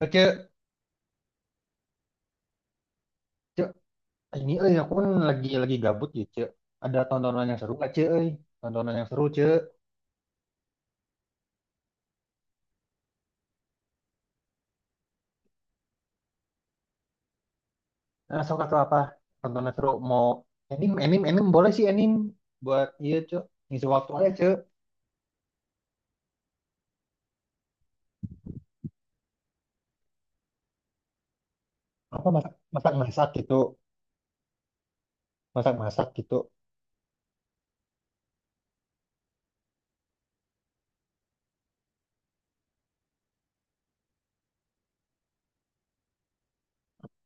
Eh, Cek, Cek, ini aku kan lagi gabut ya Cek. Ada tontonan yang seru nggak, Cek? Tontonan yang seru, Cek. Nah, sok atau apa? Tontonan seru mau anime, anime, anime boleh sih anime buat iya, Cek. Ngisi waktu aja, Cek. Apa masak masak masak gitu, masak masak gitu.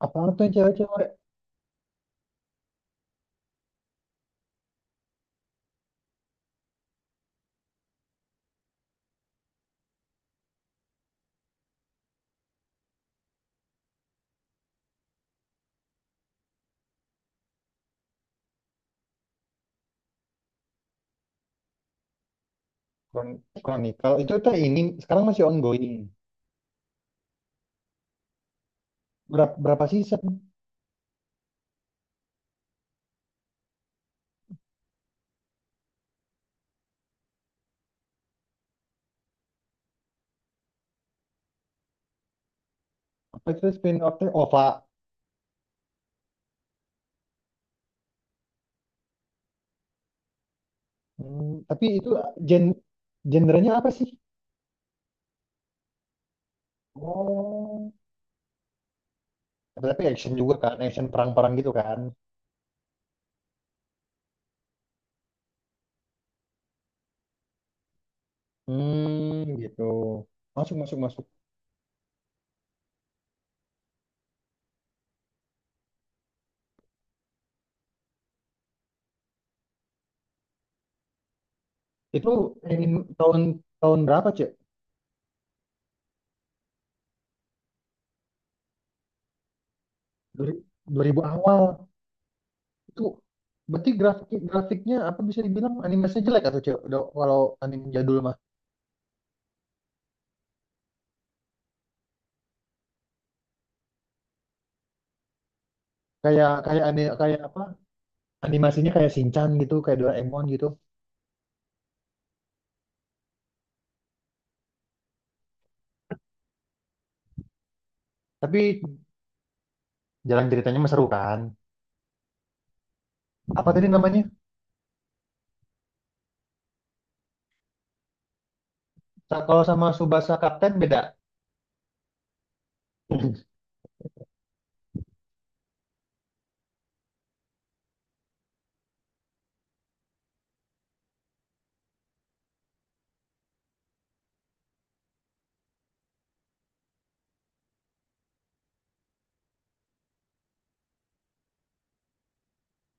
Apa tuh yang cewek-cewek? Chronicle itu tuh ini sekarang masih ongoing. Berapa season? Apa itu spin off-nya? OVA. Hmm, tapi itu gen genrenya apa sih? Oh. Tapi action juga kan, action perang-perang gitu kan. Hmm, gitu. Masuk, masuk, masuk. Itu anime tahun tahun berapa, Cek? Duri- 2000 awal. Itu berarti grafiknya apa bisa dibilang animasinya jelek atau Cek? Kalau anime jadul mah. Kayak kayak anime kayak apa? Animasinya kayak Shinchan gitu, kayak Doraemon gitu. Tapi jalan ceritanya mah seru kan. Apa tadi namanya? Kalau sama Subasa Kapten beda.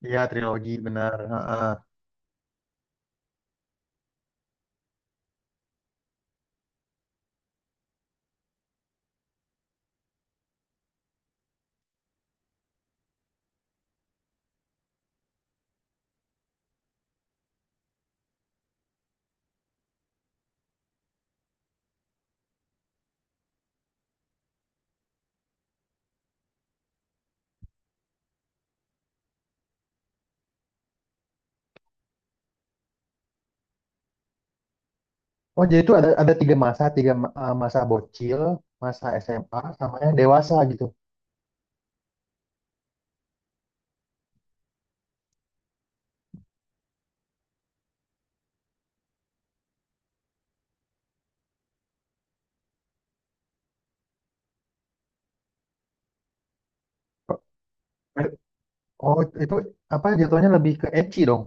Iya, trilogi benar. Ha-ha. Oh, jadi itu ada tiga masa, masa bocil, masa SMA, sama yang dewasa gitu. Eh, Oh, itu apa jatuhnya lebih ke ecchi dong.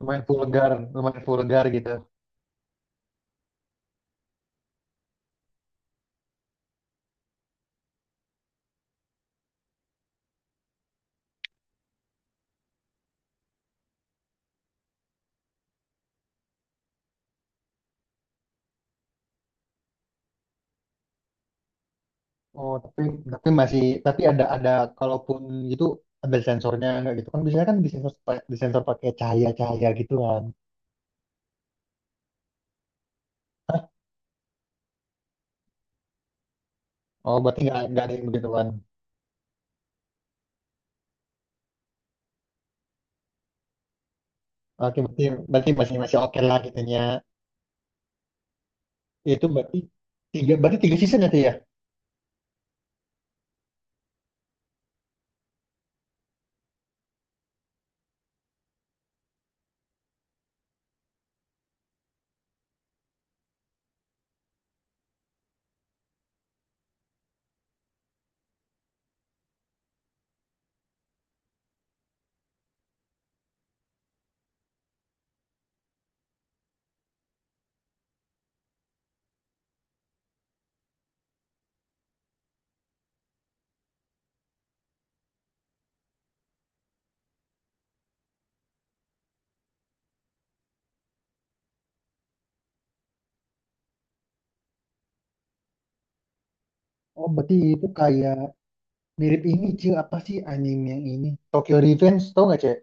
Lumayan vulgar gitu. Oh, tapi masih tapi ada kalaupun gitu ada sensornya nggak gitu kan biasanya kan disensor pakai cahaya-cahaya gitu kan. Oh, berarti nggak ada yang begitu kan. Oke, berarti berarti masih masih oke lah gitunya. Itu berarti berarti tiga season ya Tia? Oh, berarti itu kayak mirip ini Cil apa sih anime yang ini Tokyo Revenge tau nggak cek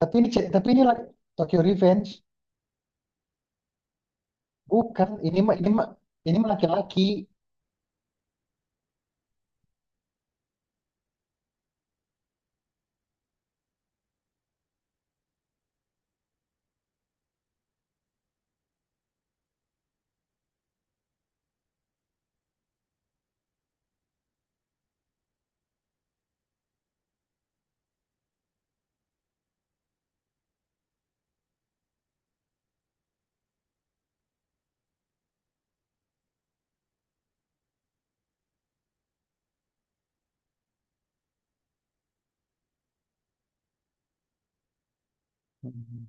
tapi ini cek Tokyo Revenge bukan ini mah ini mah laki-laki. Hmm.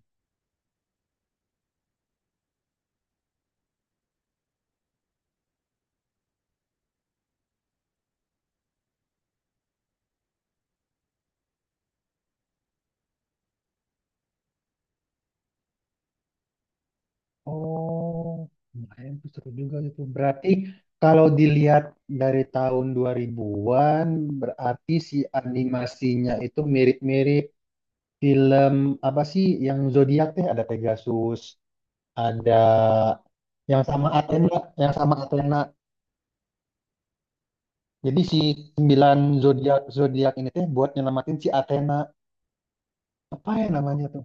Oh lumayan tuh seru juga itu berarti kalau dilihat dari tahun 2000-an berarti si animasinya itu mirip-mirip film apa sih yang zodiak teh ada Pegasus ada yang sama Athena yang sama Athena. Jadi si 9 zodiak zodiak ini teh buat nyelamatin si Athena. Apa ya namanya tuh?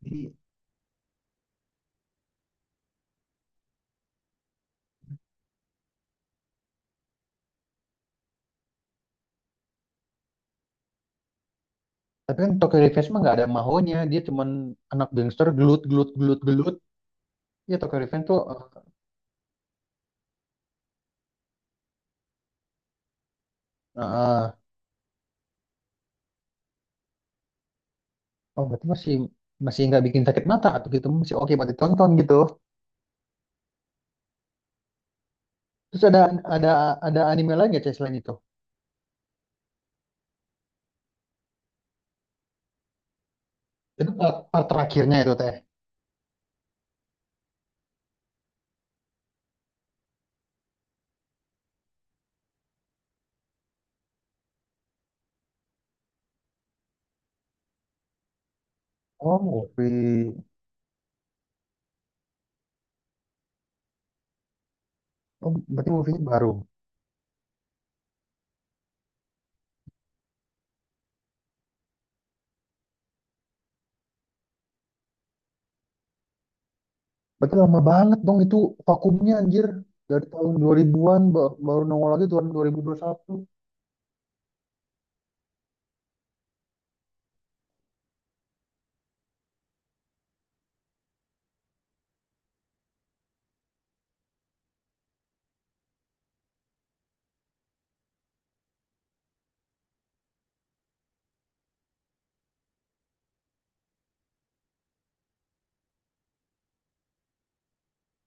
Di, tapi kan Tokyo Revenge mah nggak ada mahonya, dia cuman anak gangster gelut gelut gelut gelut. Ya Tokyo Revenge tuh, eh, eh, oh berarti masih masih nggak bikin sakit mata atau gitu masih oke buat ditonton gitu. Terus ada ada anime lain nggak Teh, selain itu? Itu part, part terakhirnya itu teh. Oh movie, oh berarti movie baru. Berarti lama banget dong itu vakumnya anjir. Dari tahun 2000-an baru nongol lagi tahun 2021.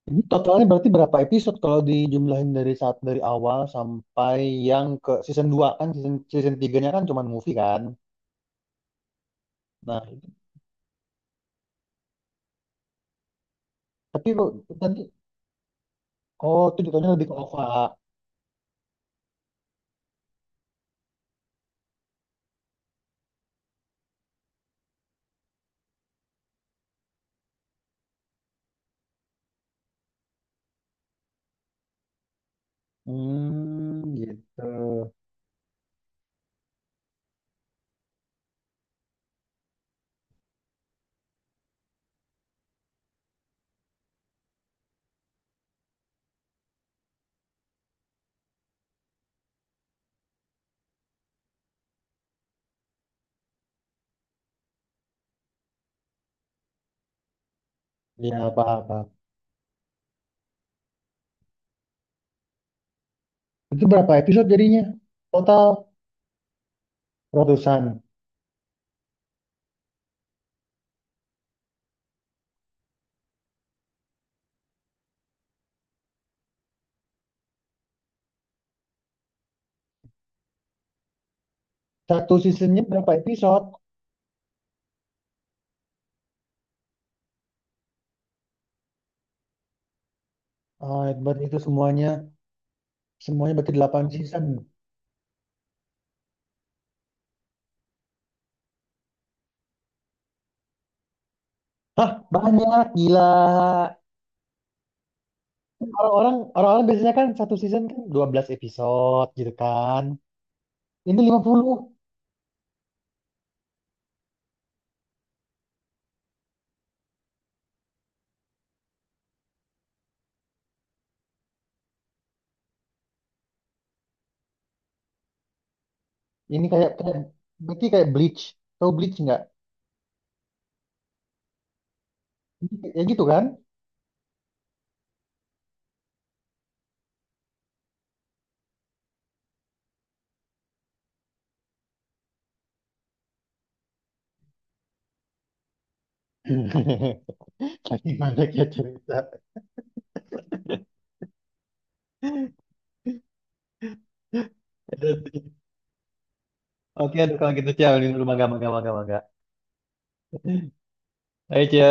Ini totalnya berarti berapa episode kalau dijumlahin dari saat dari awal sampai yang ke season 2 kan season season 3-nya kan cuman movie kan. Nah, tapi kok nanti oh itu jatuhnya lebih ke OVA. Hmm, gitu. Ya, apa apa Itu berapa episode jadinya? Total ratusan. Satu seasonnya berapa episode? Ah, berarti itu semuanya semuanya berarti 8 season. Hah, banyak gila. Orang-orang biasanya kan satu season kan 12 episode gitu kan. Ini 50. Ini kayak kayak berarti kayak Bleach. Tahu Bleach nggak? Ya gitu kan? Tapi banyak ya cerita. Oke, aduh, kalau gitu Cia, ini dulu mangga mangga mangga mangga. Ayo Cia.